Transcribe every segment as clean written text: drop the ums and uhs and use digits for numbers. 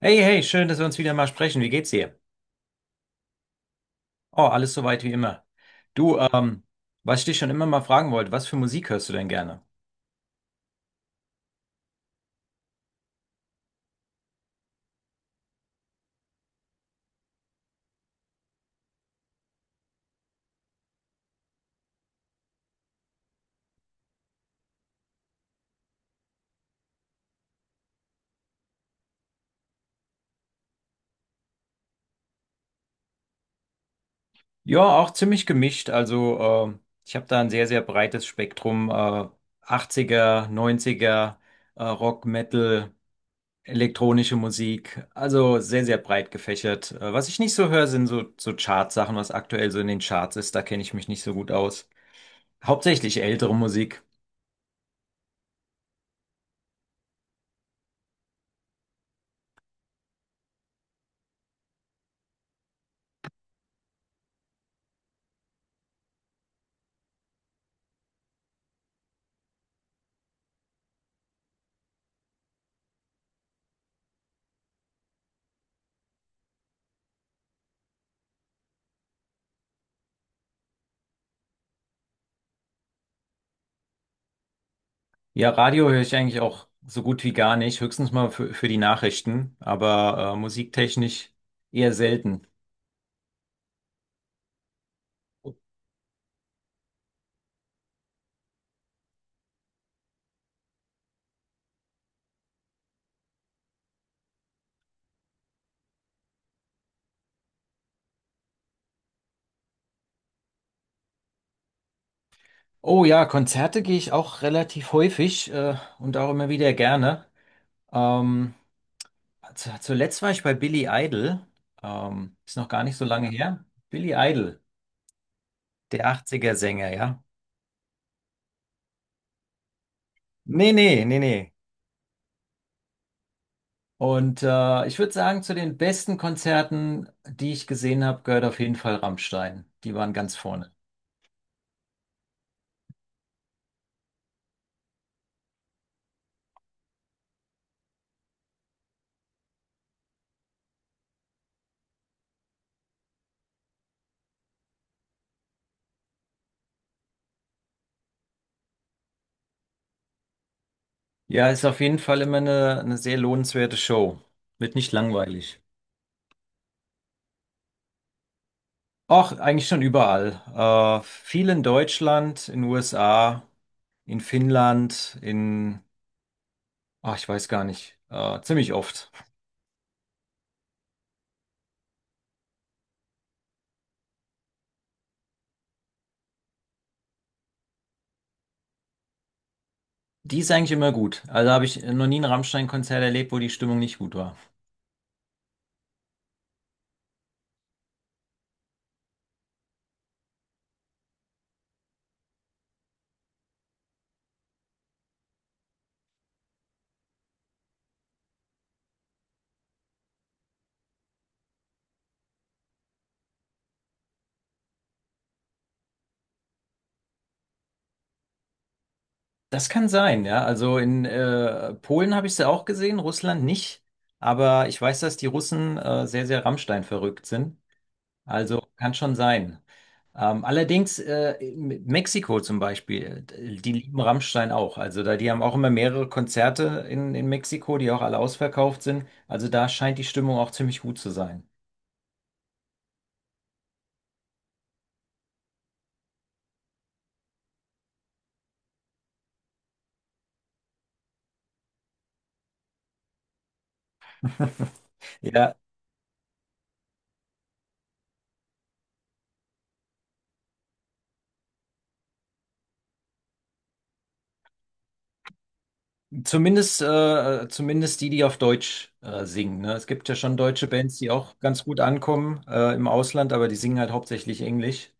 Hey, hey, schön, dass wir uns wieder mal sprechen. Wie geht's dir? Oh, alles soweit wie immer. Du, was ich dich schon immer mal fragen wollte, was für Musik hörst du denn gerne? Ja, auch ziemlich gemischt. Also, ich habe da ein sehr, sehr breites Spektrum. 80er, 90er, Rock, Metal, elektronische Musik. Also sehr, sehr breit gefächert. Was ich nicht so höre, sind so, so Chartsachen, was aktuell so in den Charts ist. Da kenne ich mich nicht so gut aus. Hauptsächlich ältere Musik. Ja, Radio höre ich eigentlich auch so gut wie gar nicht, höchstens mal für die Nachrichten, aber musiktechnisch eher selten. Oh ja, Konzerte gehe ich auch relativ häufig und auch immer wieder gerne. Ähm, zuletzt war ich bei Billy Idol, ist noch gar nicht so lange her. Billy Idol, der 80er-Sänger, ja. Nee, nee, nee, nee. Und ich würde sagen, zu den besten Konzerten, die ich gesehen habe, gehört auf jeden Fall Rammstein. Die waren ganz vorne. Ja, ist auf jeden Fall immer eine sehr lohnenswerte Show. Wird nicht langweilig. Ach, eigentlich schon überall. Viel in Deutschland, in USA, in Finnland, ach, ich weiß gar nicht, ziemlich oft. Die ist eigentlich immer gut. Also habe ich noch nie ein Rammstein-Konzert erlebt, wo die Stimmung nicht gut war. Das kann sein, ja. Also in Polen habe ich sie auch gesehen, Russland nicht. Aber ich weiß, dass die Russen sehr, sehr Rammstein verrückt sind. Also kann schon sein. Allerdings in Mexiko zum Beispiel, die lieben Rammstein auch. Also da, die haben auch immer mehrere Konzerte in Mexiko, die auch alle ausverkauft sind. Also da scheint die Stimmung auch ziemlich gut zu sein. Ja, zumindest, zumindest die, die auf Deutsch singen. Ne? Es gibt ja schon deutsche Bands, die auch ganz gut ankommen im Ausland, aber die singen halt hauptsächlich Englisch.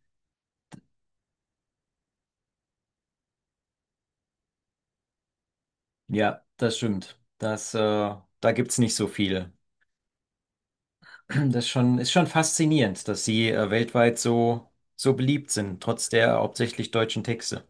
Ja, das stimmt. Da gibt's nicht so viel. Das ist schon faszinierend, dass sie weltweit so, so beliebt sind, trotz der hauptsächlich deutschen Texte.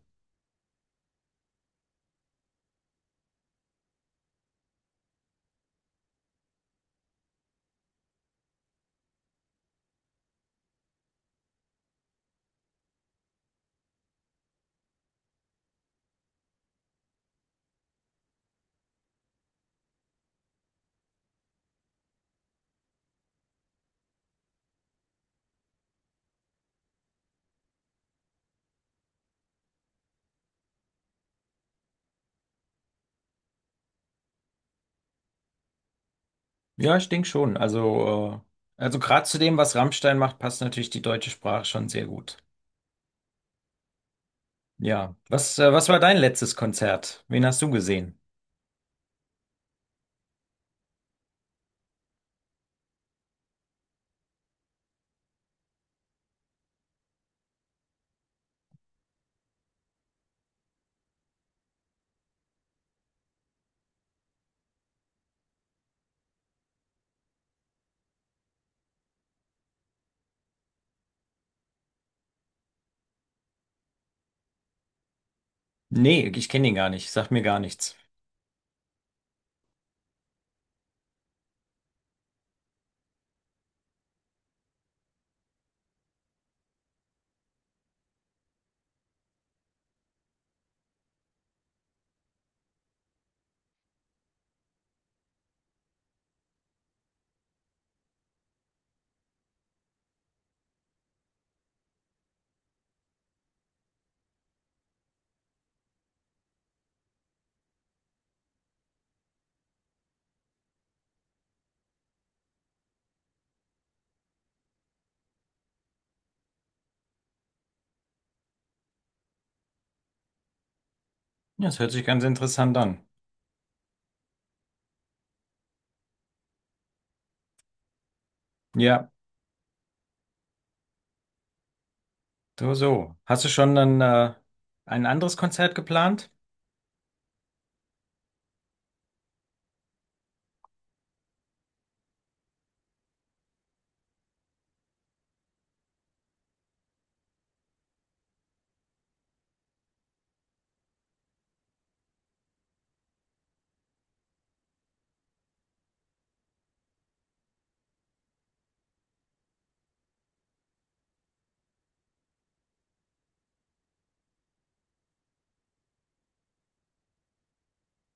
Ja, ich denke schon. Also gerade zu dem, was Rammstein macht, passt natürlich die deutsche Sprache schon sehr gut. Ja. Was, was war dein letztes Konzert? Wen hast du gesehen? Nee, ich kenne ihn gar nicht. Sagt mir gar nichts. Ja, das hört sich ganz interessant an. Ja, so, so. Hast du schon dann, ein anderes Konzert geplant?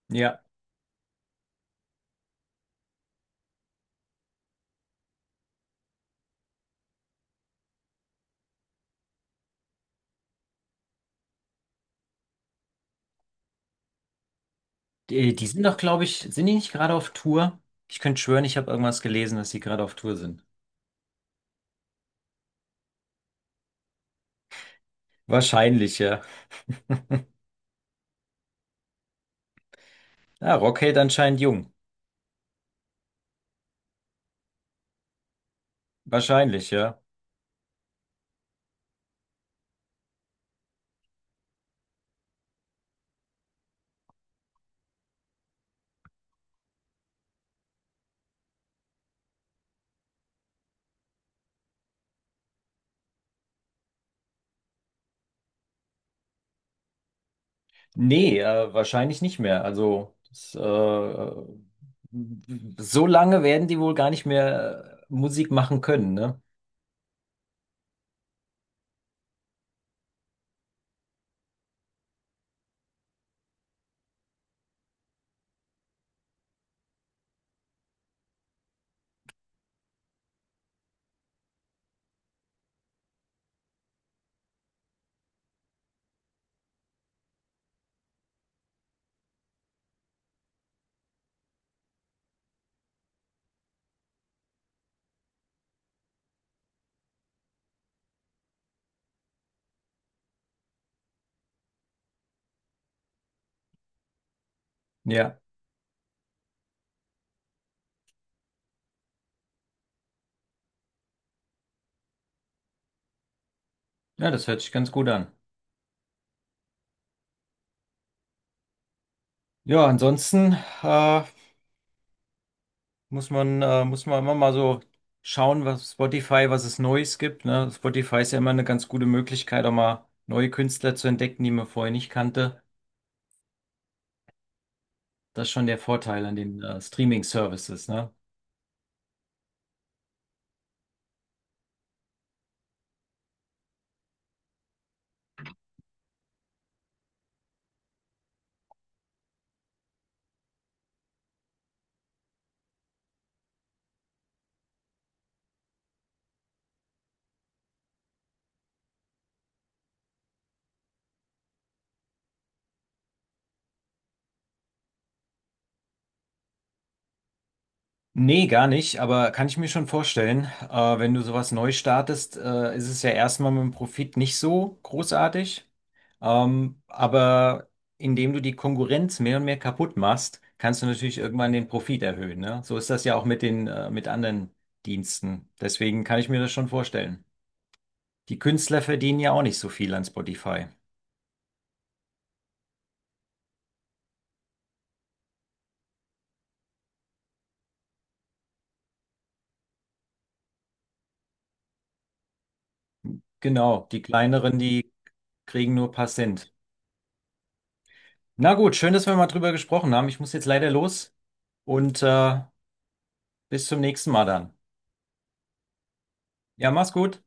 Ja. Die, die sind doch, glaube ich, sind die nicht gerade auf Tour? Ich könnte schwören, ich habe irgendwas gelesen, dass sie gerade auf Tour sind. Wahrscheinlich, ja. Ja, Rockade anscheinend jung. Wahrscheinlich, ja. Nee, wahrscheinlich nicht mehr. Also, so lange werden die wohl gar nicht mehr Musik machen können, ne? Ja. Ja, das hört sich ganz gut an. Ja, ansonsten, äh, muss man immer mal so schauen, was Spotify, was es Neues gibt, ne? Spotify ist ja immer eine ganz gute Möglichkeit, auch mal neue Künstler zu entdecken, die man vorher nicht kannte. Das ist schon der Vorteil an den Streaming-Services, ne? Nee, gar nicht, aber kann ich mir schon vorstellen, wenn du sowas neu startest, ist es ja erstmal mit dem Profit nicht so großartig. Aber indem du die Konkurrenz mehr und mehr kaputt machst, kannst du natürlich irgendwann den Profit erhöhen, ne? So ist das ja auch mit den, mit anderen Diensten. Deswegen kann ich mir das schon vorstellen. Die Künstler verdienen ja auch nicht so viel an Spotify. Genau, die kleineren, die kriegen nur ein paar Cent. Na gut, schön, dass wir mal drüber gesprochen haben. Ich muss jetzt leider los und bis zum nächsten Mal dann. Ja, mach's gut.